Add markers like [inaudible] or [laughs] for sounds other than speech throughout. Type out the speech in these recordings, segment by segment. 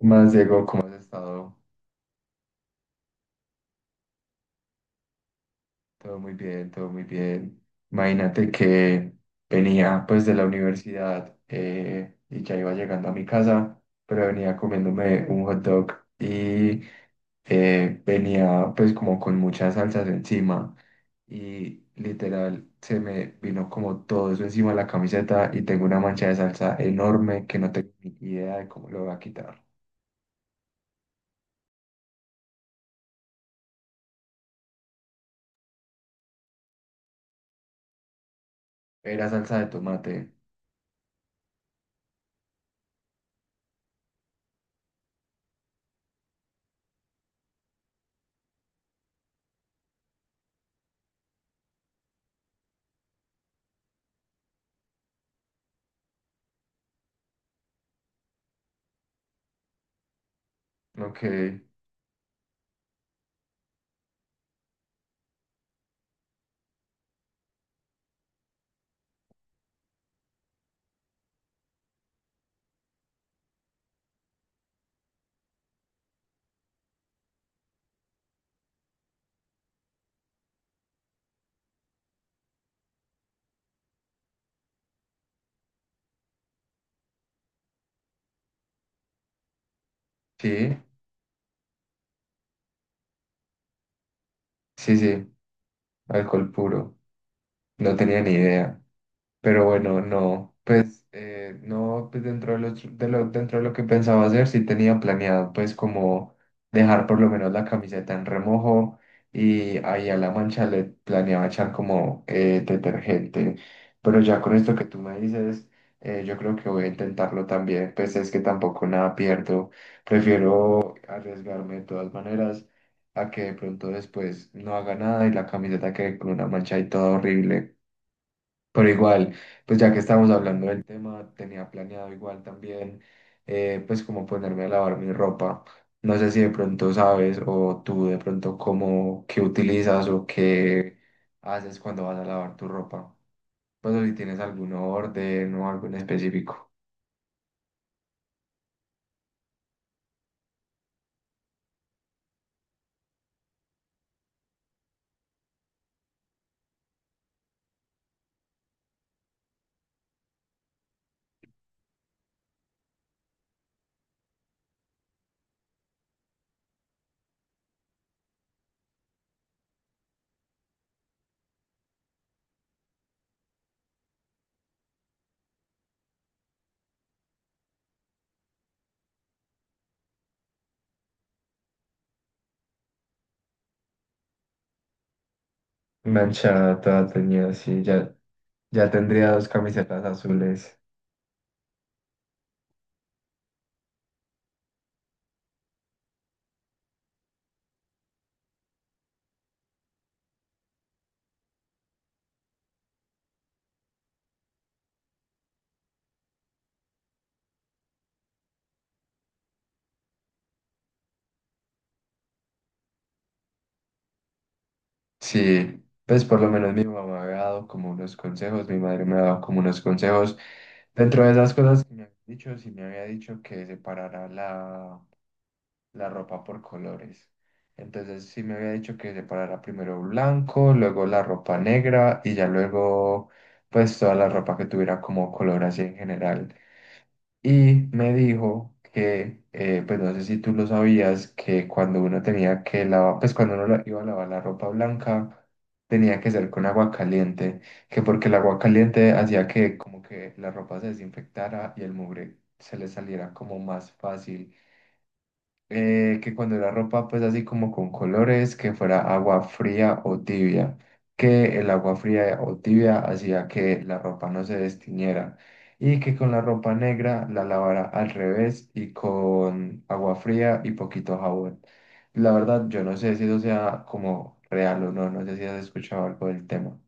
Más Diego, ¿cómo has estado? Todo muy bien, todo muy bien. Imagínate que venía pues de la universidad y ya iba llegando a mi casa, pero venía comiéndome un hot dog y venía pues como con muchas salsas encima y literal se me vino como todo eso encima de la camiseta y tengo una mancha de salsa enorme que no tengo ni idea de cómo lo voy a quitar. Era salsa de tomate, lo que sí, sí, sí. Alcohol puro. No tenía ni idea. Pero bueno, no, pues no, pues dentro de dentro de lo que pensaba hacer, sí tenía planeado, pues como dejar por lo menos la camiseta en remojo y ahí a la mancha le planeaba echar como detergente. Pero ya con esto que tú me dices, yo creo que voy a intentarlo también, pues es que tampoco nada pierdo. Prefiero arriesgarme de todas maneras a que de pronto después no haga nada y la camiseta quede con una mancha y todo horrible. Pero igual, pues ya que estamos hablando del tema, tenía planeado igual también, pues como ponerme a lavar mi ropa. No sé si de pronto sabes o tú de pronto cómo, qué utilizas o qué haces cuando vas a lavar tu ropa. Pues o si tienes algún orden o algo en específico. Manchada, toda teñida, sí, ya, ya tendría dos camisetas azules. Sí, pues por lo menos mi mamá me ha dado como unos consejos, mi madre me ha dado como unos consejos. Dentro de esas cosas que me había dicho, sí me había dicho que separara la ropa por colores. Entonces sí me había dicho que separara primero blanco, luego la ropa negra y ya luego pues toda la ropa que tuviera como color así en general. Y me dijo que, pues no sé si tú lo sabías, que cuando uno tenía que lavar, pues cuando uno iba a lavar la ropa blanca, tenía que ser con agua caliente, que porque el agua caliente hacía que como que la ropa se desinfectara y el mugre se le saliera como más fácil, que cuando la ropa pues así como con colores, que fuera agua fría o tibia, que el agua fría o tibia hacía que la ropa no se destiñera y que con la ropa negra la lavara al revés y con agua fría y poquito jabón. La verdad, yo no sé si eso sea como real o no, no sé si has escuchado algo del tema.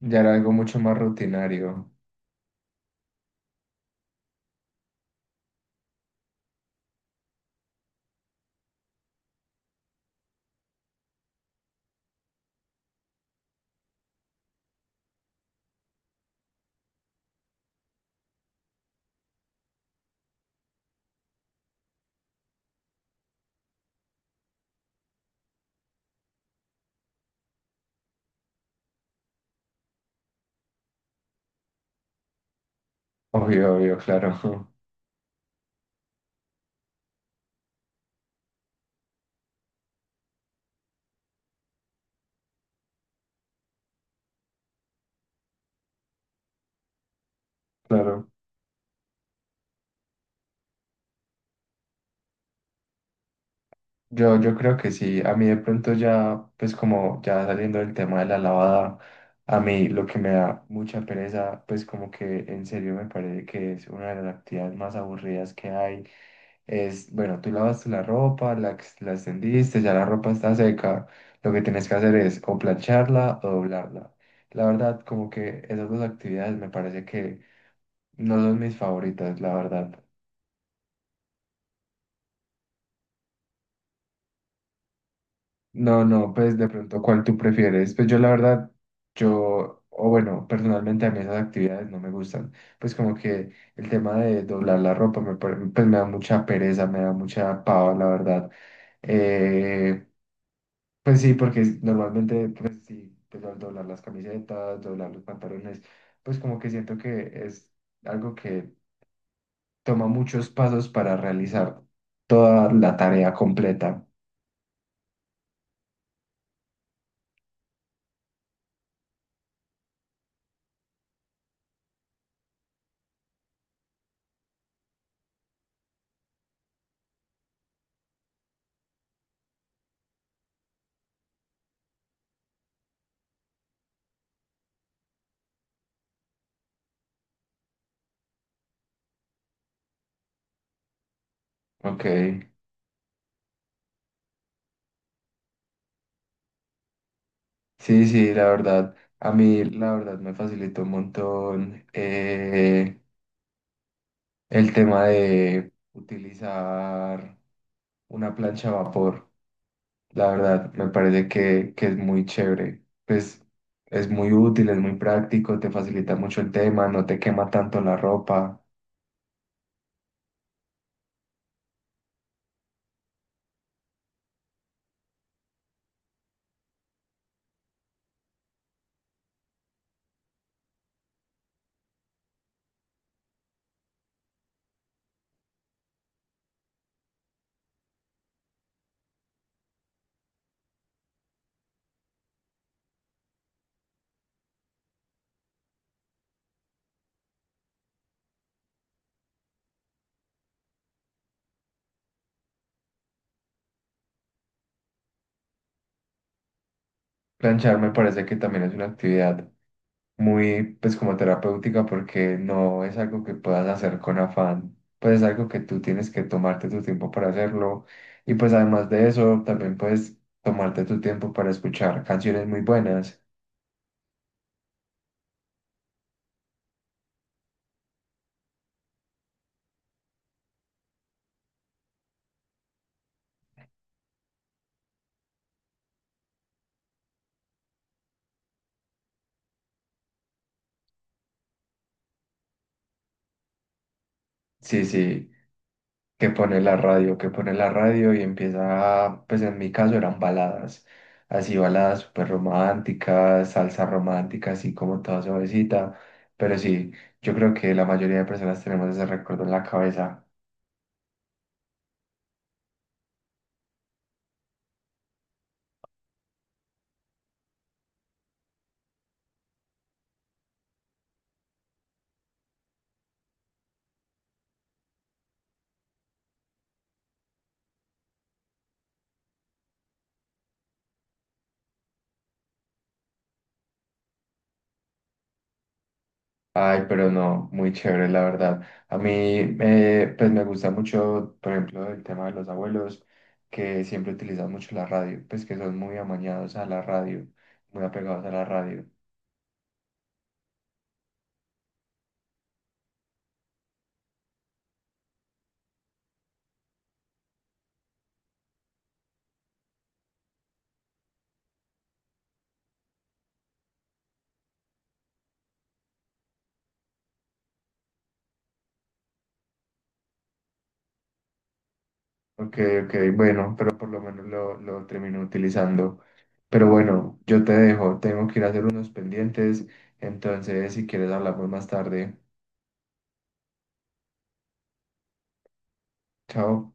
Ya era algo mucho más rutinario, obvio, obvio, claro, [laughs] claro. Yo creo que sí, a mí de pronto ya, pues como ya saliendo del tema de la lavada, a mí lo que me da mucha pereza, pues como que en serio me parece que es una de las actividades más aburridas que hay, es, bueno, tú lavaste la ropa, la extendiste, ya la ropa está seca, lo que tienes que hacer es o plancharla o doblarla. La verdad, como que esas dos actividades me parece que no son mis favoritas, la verdad. No, no, pues de pronto, ¿cuál tú prefieres? Pues yo la verdad, yo, o bueno, personalmente a mí esas actividades no me gustan. Pues como que el tema de doblar la ropa pues me da mucha pereza, me da mucha pava, la verdad. Eh, pues sí, porque normalmente, pues sí, pues al doblar las camisetas, doblar los pantalones, pues como que siento que es algo que toma muchos pasos para realizar toda la tarea completa. Ok. Sí, sí, la verdad, a mí la verdad me facilitó un montón, el tema de utilizar una plancha a vapor. La verdad, me parece que es muy chévere. Pues es muy útil, es muy práctico, te facilita mucho el tema, no te quema tanto la ropa. Planchar me parece que también es una actividad muy, pues como terapéutica, porque no es algo que puedas hacer con afán, pues es algo que tú tienes que tomarte tu tiempo para hacerlo y pues además de eso también puedes tomarte tu tiempo para escuchar canciones muy buenas. Sí, sí, que pone la radio, que pone la radio y empieza, pues en mi caso eran baladas, así baladas súper románticas, salsa romántica, así como toda suavecita, pero sí, yo creo que la mayoría de personas tenemos ese recuerdo en la cabeza. Ay, pero no, muy chévere, la verdad. A mí, pues me gusta mucho, por ejemplo, el tema de los abuelos, que siempre utilizan mucho la radio, pues que son muy amañados a la radio, muy apegados a la radio. Ok, ok, bueno, pero por lo menos lo termino utilizando. Pero bueno, yo te dejo, tengo que ir a hacer unos pendientes, entonces si quieres hablamos más tarde. Chao.